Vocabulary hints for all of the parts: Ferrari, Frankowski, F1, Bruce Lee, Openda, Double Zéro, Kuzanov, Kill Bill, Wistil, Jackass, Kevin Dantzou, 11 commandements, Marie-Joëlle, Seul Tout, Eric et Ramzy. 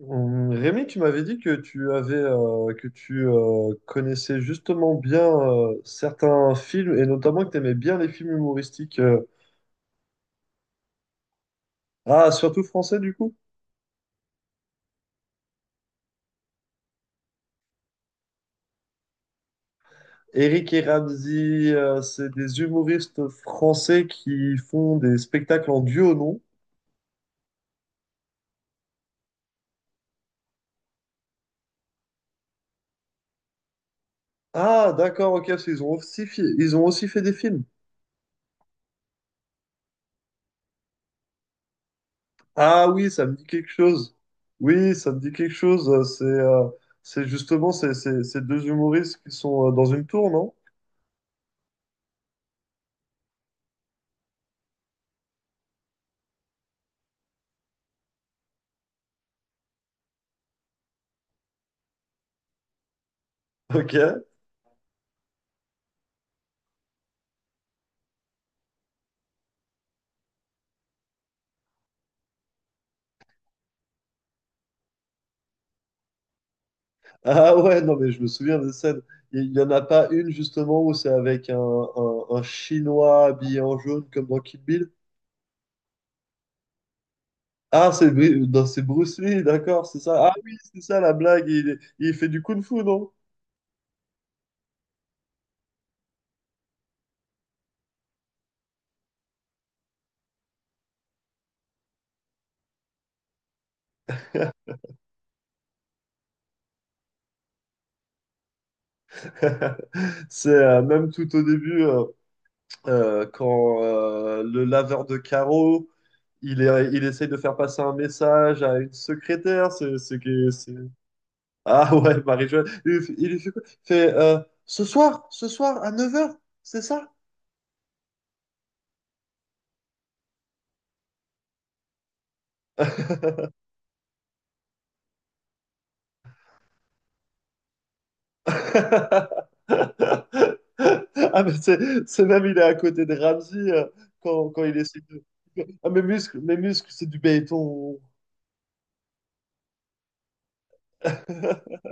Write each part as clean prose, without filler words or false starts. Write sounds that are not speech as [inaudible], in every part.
Rémi, tu m'avais dit que tu avais que tu connaissais justement bien certains films et notamment que tu aimais bien les films humoristiques. Surtout français du coup. Eric et Ramzy, c'est des humoristes français qui font des spectacles en duo, non? Ah, d'accord, ok, parce qu'ils ont aussi ils ont aussi fait des films. Ah oui, ça me dit quelque chose. Oui, ça me dit quelque chose. C'est justement ces deux humoristes qui sont dans une tour, non? Ok. Ah ouais, non, mais je me souviens de scène. Il n'y en a pas une, justement, où c'est avec un Chinois habillé en jaune, comme dans Kill Bill. Ah, non, c'est Bruce Lee, d'accord, c'est ça. Ah oui, c'est ça la blague, il fait du kung-fu, non? [laughs] C'est même tout au début, quand le laveur de carreaux, il essaye de faire passer un message à une secrétaire, ah ouais, Marie-Jo, il lui fait quoi? Il fait ce soir à 9 heures, c'est ça? [laughs] Ah, mais c'est même, il est à côté de Ramsey quand, quand il essaie de. Ah, mes muscles, c'est du béton. [laughs]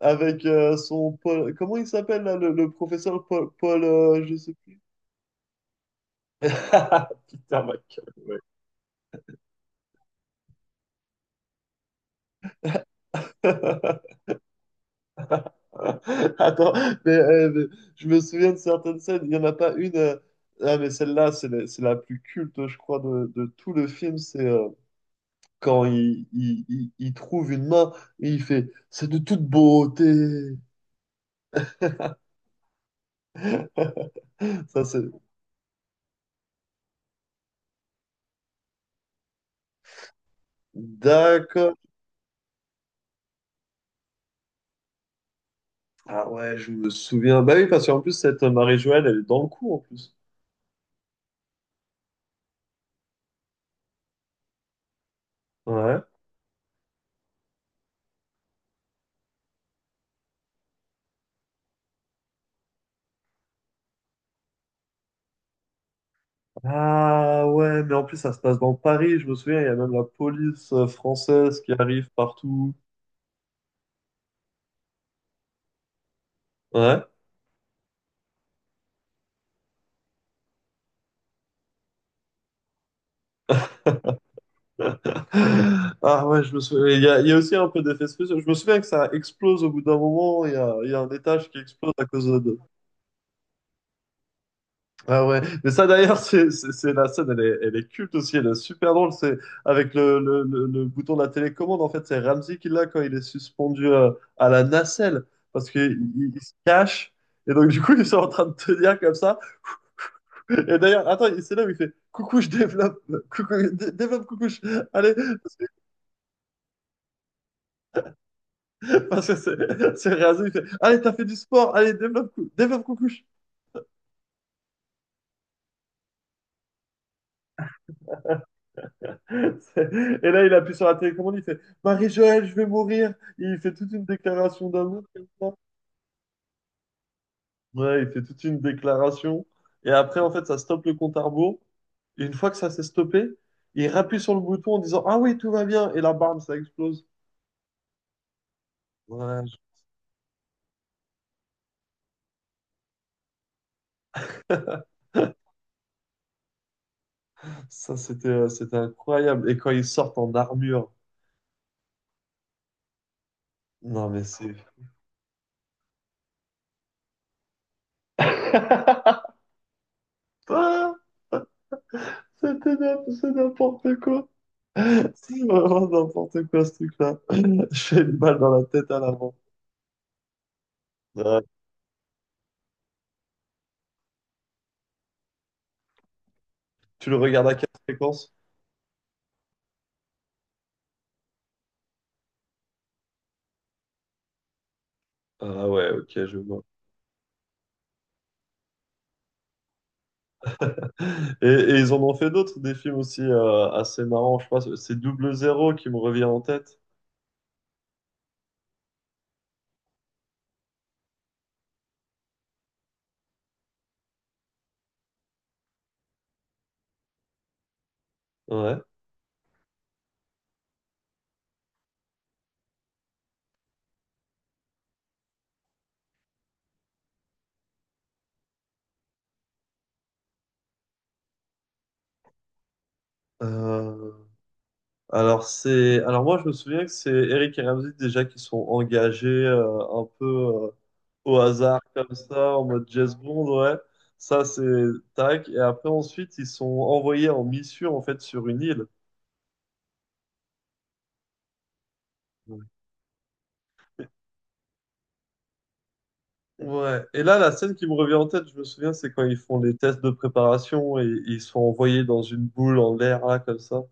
Avec son Paul. Comment il s'appelle là, le professeur Paul, Paul, je sais plus. [laughs] Putain, ma gueule, ouais. [laughs] [laughs] Attends, mais je me souviens de certaines scènes. Il n'y en a pas une. Ah, mais celle-là, c'est c'est la plus culte, je crois, de tout le film. C'est quand il trouve une main et il fait c'est de toute beauté. [laughs] Ça, c'est. D'accord. Ah ouais, je me souviens. Bah oui, parce qu'en plus, cette Marie-Joëlle, elle est dans le coup, en plus. Ouais. Ah ouais, mais en plus, ça se passe dans Paris. Je me souviens, il y a même la police française qui arrive partout. Ouais. [laughs] Ah ouais, je me souviens. Il y a aussi un peu d'effets spéciaux. Je me souviens que ça explose au bout d'un moment. Il y a un étage qui explose à cause de. Ah ouais. Mais ça d'ailleurs, [laughs] c'est la scène, elle est culte aussi. Elle est super drôle. C'est avec le bouton de la télécommande. En fait, c'est Ramsey qui l'a quand il est suspendu à la nacelle parce qu'il il se cache. Et donc, du coup, ils sont en train de tenir comme ça. Et d'ailleurs, attends, c'est là où il fait coucou, je développe, coucou, développe, coucou, allez. [laughs] Parce que c'est rasé, il fait, allez, t'as fait du sport, allez, développe, développe coucouche. C'est- [laughs] Et là, il appuie sur la télécommande, il fait Marie-Joëlle, je vais mourir. Il fait toute une déclaration d'amour comme ça. Ouais, il fait toute une déclaration. Et après, en fait, ça stoppe le compte à rebours. Et une fois que ça s'est stoppé, il appuie sur le bouton en disant ah oui, tout va bien. Et la barbe, ça explose. Ouais, ça, c'était c'était incroyable. Et quand ils sortent en armure, non, mais c'est. [laughs] Ah, c'est n'importe quoi. C'est vraiment n'importe quoi ce truc-là. [laughs] J'ai une balle dans la tête à l'avant. Ah, tu le regardes à quelle fréquence? Ah ouais, ok, je vois. Et ils en ont fait d'autres, des films aussi assez marrants, je crois. C'est Double Zéro qui me revient en tête. Ouais. Euh, alors c'est, alors moi je me souviens que c'est Eric et Ramzy déjà qui sont engagés un peu au hasard comme ça en mode jazz Bond, ouais. Ça c'est tac. Et après ensuite ils sont envoyés en mission en fait sur une île. Ouais. Et là, la scène qui me revient en tête, je me souviens, c'est quand ils font les tests de préparation et, ils sont envoyés dans une boule en l'air, là, comme ça.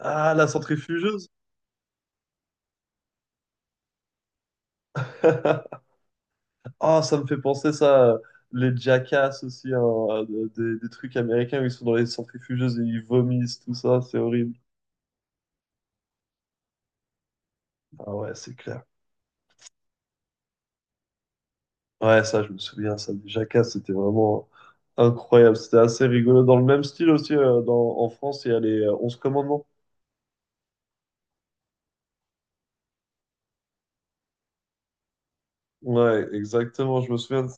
Ah, la centrifugeuse! [laughs] Ah, ça me fait penser ça, les Jackass aussi, hein, des trucs américains où ils sont dans les centrifugeuses et ils vomissent, tout ça, c'est horrible. Ah ouais, c'est clair. Ouais, ça, je me souviens, ça, les Jackass, c'était vraiment incroyable. C'était assez rigolo. Dans le même style aussi, en France, il y a les 11 commandements. Ouais, exactement, je me souviens de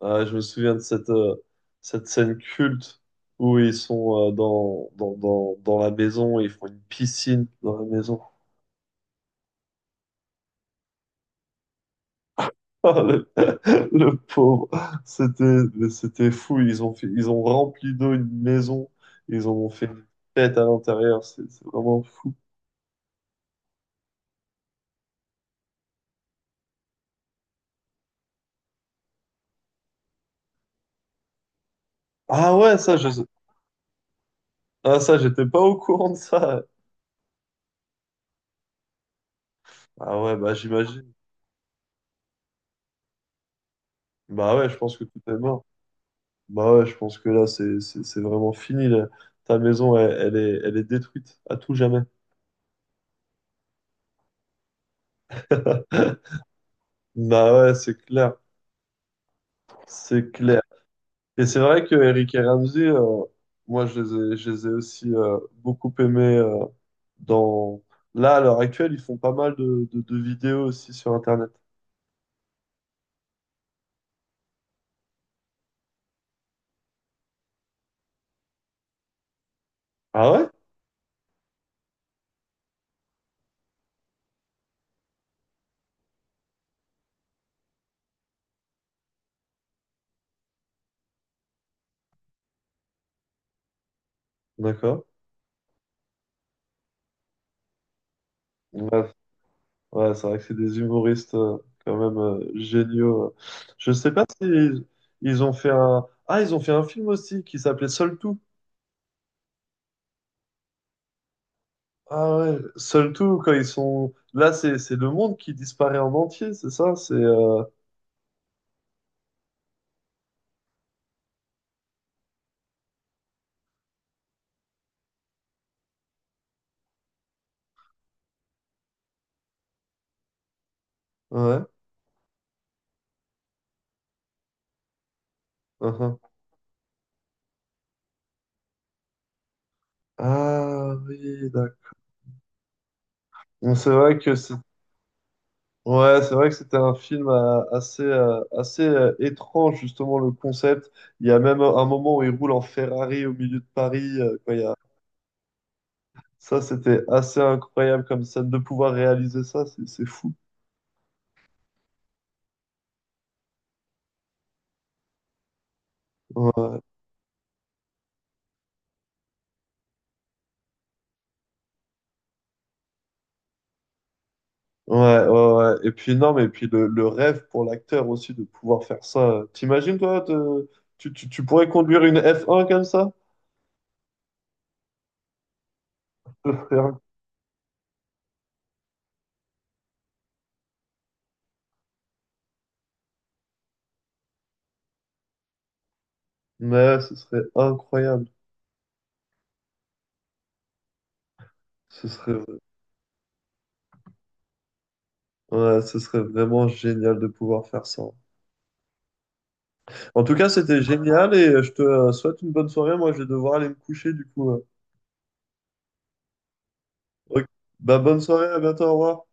ah, je me souviens de cette scène culte où ils sont dans la maison et ils font une piscine dans la maison. Ah, le, [laughs] le pauvre, c'était, c'était fou. Ils ont fait, ils ont rempli d'eau une maison. Ils en ont fait une fête à l'intérieur. C'est vraiment fou. Ah ouais, ça, je, ah, ça, j'étais pas au courant de ça. Ah ouais, bah j'imagine. Bah ouais, je pense que tout est mort. Bah ouais, je pense que là, c'est vraiment fini. Là. Ta maison, elle est détruite à tout jamais. [laughs] Bah ouais, c'est clair. C'est clair. Et c'est vrai que Eric et Ramsey, moi, je les ai aussi beaucoup aimés dans... Là, à l'heure actuelle, ils font pas mal de vidéos aussi sur Internet. Ah ouais? D'accord. Ouais, ouais, c'est vrai que c'est des humoristes quand même géniaux. Je sais pas si ils, ils ont fait un... Ah, ils ont fait un film aussi qui s'appelait Seul Tout. Ah ouais, Seul Tout, quand ils sont... Là, c'est le monde qui disparaît en entier, c'est ça? Ouais. Uhum. Ah oui, d'accord. Bon, c'est vrai que c'est... Ouais, c'est vrai que c'était un film assez étrange, justement, le concept. Il y a même un moment où ils roulent en Ferrari au milieu de Paris, quoi, ça, c'était assez incroyable comme scène de pouvoir réaliser ça, c'est fou. Ouais, ouais, ouais, ouais. Et puis non, mais puis le rêve pour l'acteur aussi de pouvoir faire ça. T'imagines toi, tu pourrais conduire une F1 comme ça? Ce serait, inc- mais ce serait incroyable. Ce serait, ouais, ce serait vraiment génial de pouvoir faire ça. En tout cas, c'était génial et je te souhaite une bonne soirée. Moi, je vais devoir aller me coucher du coup. Ok. Bah, bonne soirée, à bientôt, au revoir.